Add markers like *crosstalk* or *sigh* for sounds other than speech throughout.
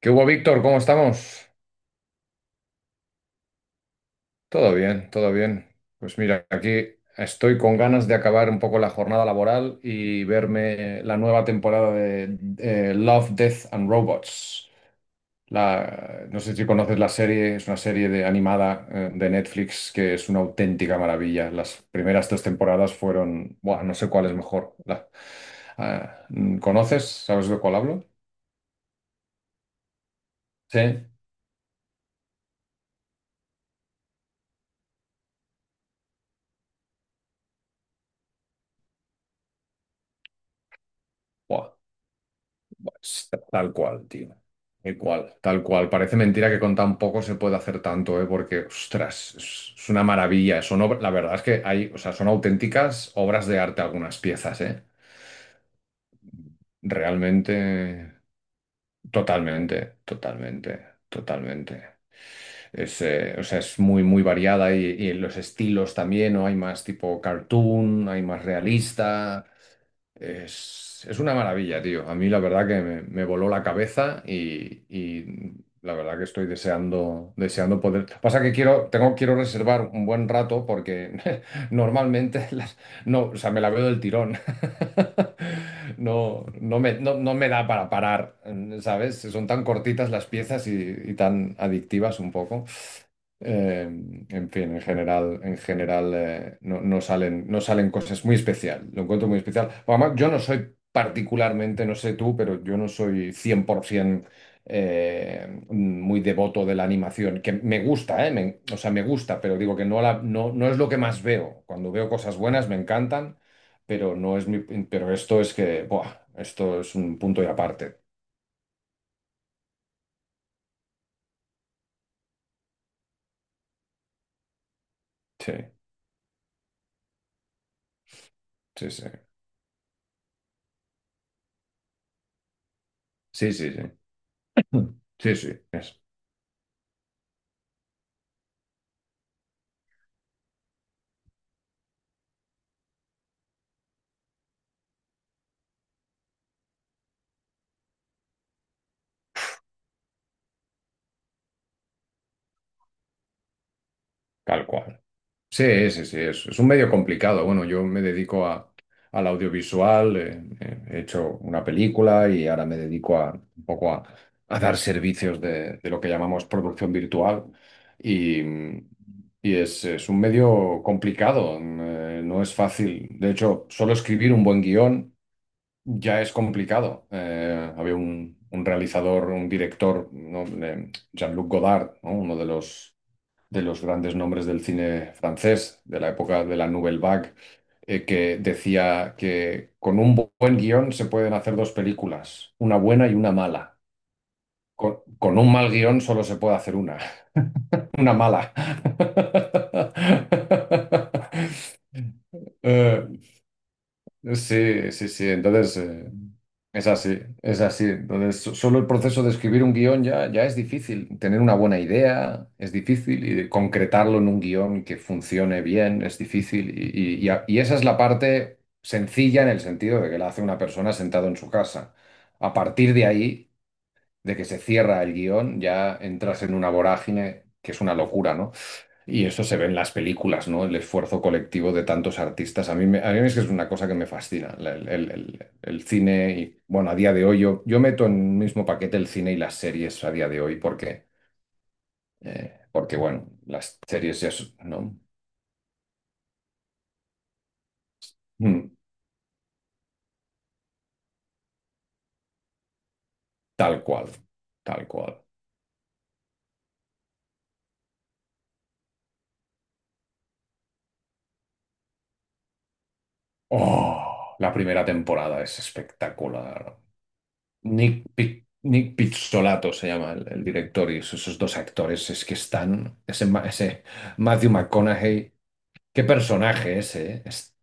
¿Qué hubo, Víctor? ¿Cómo estamos? Todo bien, todo bien. Pues mira, aquí estoy con ganas de acabar un poco la jornada laboral y verme la nueva temporada de Love, Death and Robots. No sé si conoces la serie, es una serie de, animada de Netflix que es una auténtica maravilla. Las primeras tres temporadas fueron, buah, no sé cuál es mejor. Ah, ¿Conoces? ¿Sabes de cuál hablo? Sí. Buah. Tal cual, tío. Tal cual, tal cual. Parece mentira que con tan poco se puede hacer tanto, ¿eh? Porque, ostras, es una maravilla. Son, la verdad es que hay, o sea, son auténticas obras de arte algunas piezas, ¿eh? Realmente, totalmente, totalmente, totalmente. Es, o sea, es muy, muy variada y los estilos también, ¿no? Hay más tipo cartoon, hay más realista. Es una maravilla, tío. A mí la verdad que me voló la cabeza y la verdad que estoy deseando, deseando poder. Pasa que quiero, tengo, quiero reservar un buen rato porque *laughs* normalmente no, o sea, me la veo del tirón. *laughs* No, no me, no, no me da para parar, ¿sabes? Son tan cortitas las piezas y tan adictivas un poco. Eh, en fin, en general no, no salen, no salen cosas muy especial. Lo encuentro muy especial. Además, yo no soy particularmente, no sé tú, pero yo no soy 100% muy devoto de la animación, que me gusta, o sea, me gusta, pero digo que no, la, no, no es lo que más veo. Cuando veo cosas buenas me encantan, pero no es mi, pero esto es que, buah, esto es un punto y aparte. Sí, sí, sí. Sí, sí, sí. *clears throat* Sí, sí, es tal cual. Sí, sí, sí, es un medio complicado. Bueno, yo me dedico a, al audiovisual, he hecho una película y ahora me dedico a, un poco a dar servicios de lo que llamamos producción virtual y, y es un medio complicado, no es fácil. De hecho, solo escribir un buen guión ya es complicado. Había un realizador, un director, ¿no? Jean-Luc Godard, ¿no? Uno de los grandes nombres del cine francés, de la época de la Nouvelle Vague, que decía que con un buen guión se pueden hacer dos películas, una buena y una mala. Con un mal guión solo se puede hacer una, *laughs* una mala. *laughs* Eh, Sí, sí, sí. Entonces, es así, es así. Entonces, solo el proceso de escribir un guión ya, ya es difícil. Tener una buena idea es difícil y de concretarlo en un guión que funcione bien es difícil. Y esa es la parte sencilla en el sentido de que la hace una persona sentado en su casa. A partir de ahí, de que se cierra el guión, ya entras en una vorágine que es una locura, ¿no? Y eso se ve en las películas, ¿no? El esfuerzo colectivo de tantos artistas. A mí es que es una cosa que me fascina, el cine y, bueno, a día de hoy yo, yo meto en el mismo paquete el cine y las series a día de hoy porque, porque bueno, las series ya son, ¿no? Mm, Tal cual, tal cual. ¡Oh! La primera temporada es espectacular. Nick Pizzolato se llama el director y esos, esos dos actores es que están, ese Matthew McConaughey. Qué personaje ese, ¿eh? Es-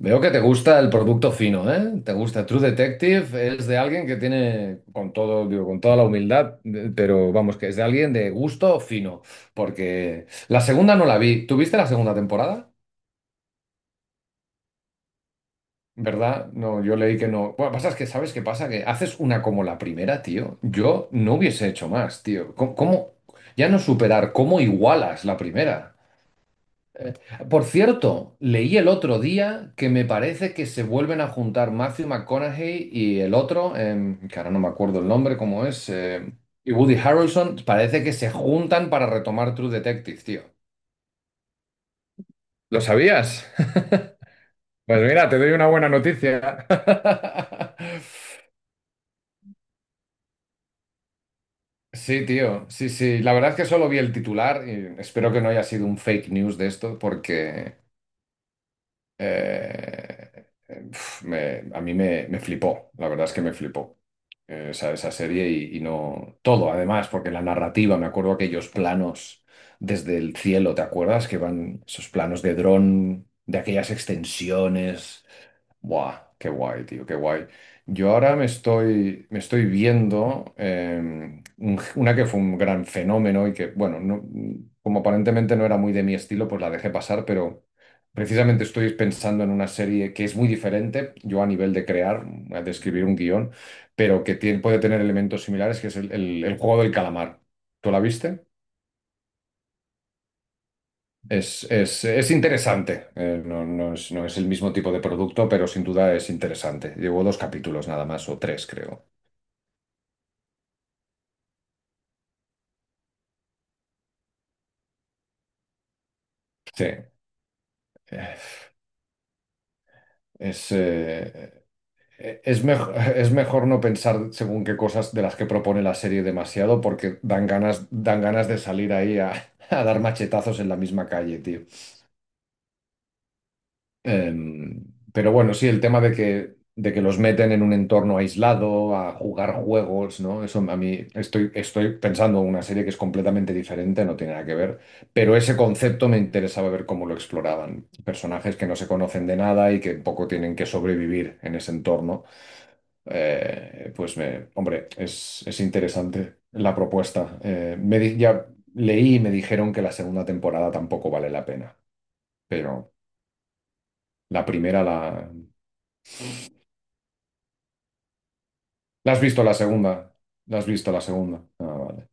Veo que te gusta el producto fino, ¿eh? Te gusta True Detective, es de alguien que tiene, con todo, digo, con toda la humildad, pero vamos, que es de alguien de gusto fino, porque la segunda no la vi. ¿Tuviste la segunda temporada? ¿Verdad? No, yo leí que no. Bueno, pasa es que, ¿sabes qué pasa? Que haces una como la primera, tío. Yo no hubiese hecho más, tío. ¿Cómo, cómo- ya no superar, cómo igualas la primera? Por cierto, leí el otro día que me parece que se vuelven a juntar Matthew McConaughey y el otro, que ahora no me acuerdo el nombre, cómo es, y Woody Harrelson, parece que se juntan para retomar True Detective, tío. ¿Lo sabías? *laughs* Pues mira, te doy una buena noticia. *laughs* Sí, tío, sí, sí. La verdad es que solo vi el titular y espero que no haya sido un fake news de esto porque pf, a mí me, me flipó, la verdad es que me flipó. Esa, esa serie y no todo, además, porque la narrativa, me acuerdo aquellos planos desde el cielo, ¿te acuerdas? Que van esos planos de dron, de aquellas extensiones. Buah, qué guay, tío, qué guay. Yo ahora me estoy viendo una que fue un gran fenómeno y que, bueno, no- como aparentemente no era muy de mi estilo, pues la dejé pasar, pero precisamente estoy pensando en una serie que es muy diferente, yo a nivel de crear, de escribir un guión, pero que puede tener elementos similares, que es el juego del calamar. ¿Tú la viste? Es, es interesante. No, no es, no es el mismo tipo de producto, pero sin duda es interesante. Llevo dos capítulos nada más, o tres, creo. Sí. Eh, Es, eh, es, mejor, *laughs* es mejor no pensar según qué cosas de las que propone la serie demasiado, porque dan ganas de salir ahí a, *laughs* a dar machetazos en la misma calle, tío. Em, pero bueno, sí, el tema de que los meten en un entorno aislado, a jugar juegos, ¿no? Eso a mí estoy, estoy pensando en una serie que es completamente diferente, no tiene nada que ver, pero ese concepto me interesaba ver cómo lo exploraban. Personajes que no se conocen de nada y que un poco tienen que sobrevivir en ese entorno. Pues, me, hombre, es interesante la propuesta. Ya leí y me dijeron que la segunda temporada tampoco vale la pena, pero la primera la... ¿La has visto la segunda? ¿La has visto la segunda? Ah, vale.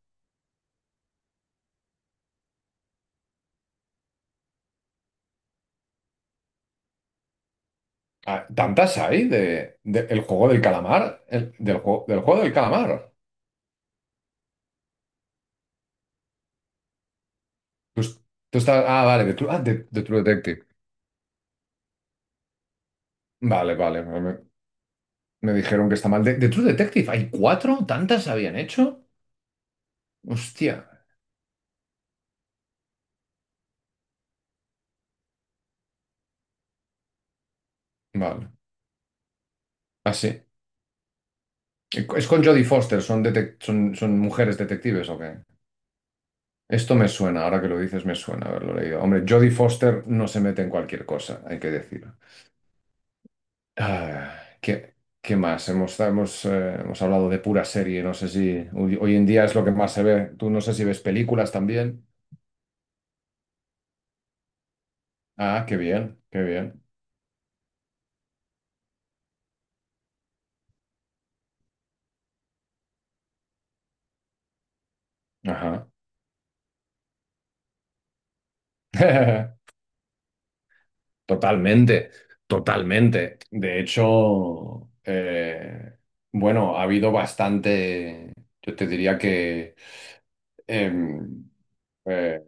Ah, ¿tantas hay de, el juego del calamar? Del juego del calamar. Tú, tú estás, ah, vale, de, ah, de True Detective. Vale, vale, me dijeron que está mal. De True Detective hay cuatro? ¿Tantas habían hecho? Hostia. Vale, así. Es con Jodie Foster, ¿son, son mujeres detectives o qué? Esto me suena, ahora que lo dices me suena haberlo leído. Hombre, Jodie Foster no se mete en cualquier cosa, hay que decir. Ah, ¿qué, qué más? Hemos, hemos, hemos hablado de pura serie, no sé si hoy, hoy en día es lo que más se ve. Tú no sé si ves películas también. Ah, qué bien, qué bien. Ajá. *laughs* Totalmente, totalmente. De hecho, bueno, ha habido bastante, yo te diría que, em, eh,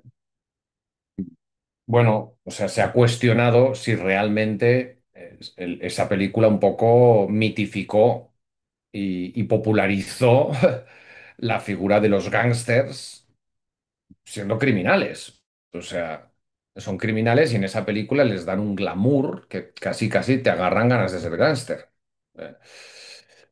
bueno, o sea, se ha cuestionado si realmente esa película un poco mitificó. Y, y popularizó *laughs* la figura de los gángsters siendo criminales. O sea, son criminales y en esa película les dan un glamour que casi casi te agarran ganas de ser gángster. Eh,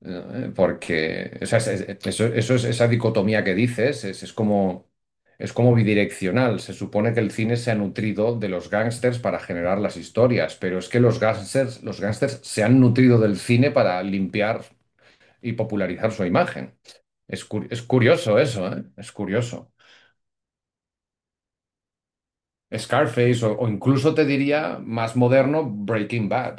Porque o sea, eso, eso es esa dicotomía que dices, es como bidireccional. Se supone que el cine se ha nutrido de los gángsters para generar las historias, pero es que los gángsters se han nutrido del cine para limpiar y popularizar su imagen. Es, es curioso eso, ¿eh? Es curioso. Scarface o incluso te diría más moderno Breaking Bad.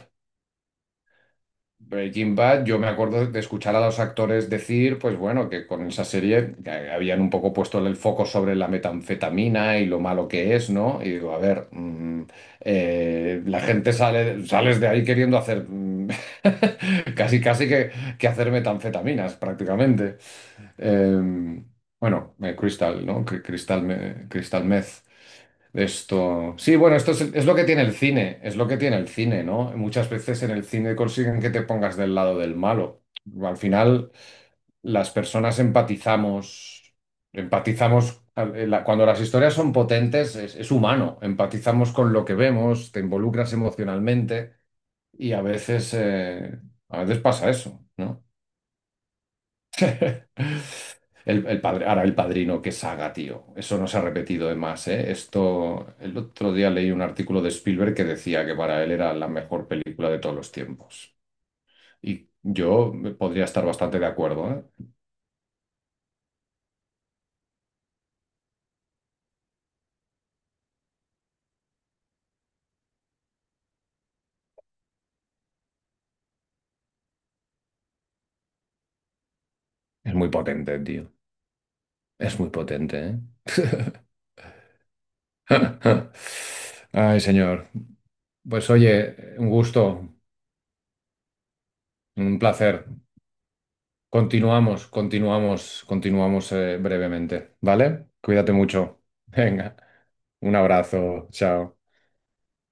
Breaking Bad, yo me acuerdo de escuchar a los actores decir, pues bueno, que con esa serie que habían un poco puesto el foco sobre la metanfetamina y lo malo que es, ¿no? Y digo, a ver, la gente sale, sales de ahí queriendo hacer *laughs* casi casi que hacer metanfetaminas prácticamente. Em, bueno, Crystal, ¿no? Crystal, Crystal Meth. Esto. Sí, bueno, esto es lo que tiene el cine, es lo que tiene el cine, ¿no? Muchas veces en el cine consiguen que te pongas del lado del malo. Al final, las personas empatizamos, empatizamos, cuando las historias son potentes, es humano, empatizamos con lo que vemos, te involucras emocionalmente y a veces pasa eso, ¿no? El padre, ahora el padrino, qué saga, tío. Eso no se ha repetido de más, ¿eh? Esto, el otro día leí un artículo de Spielberg que decía que para él era la mejor película de todos los tiempos. Y yo podría estar bastante de acuerdo, ¿eh? Es muy potente, tío. Es muy potente, ¿eh? *laughs* Ay, señor. Pues oye, un gusto, un placer. Continuamos, continuamos, continuamos brevemente, ¿vale? Cuídate mucho. Venga, un abrazo, chao.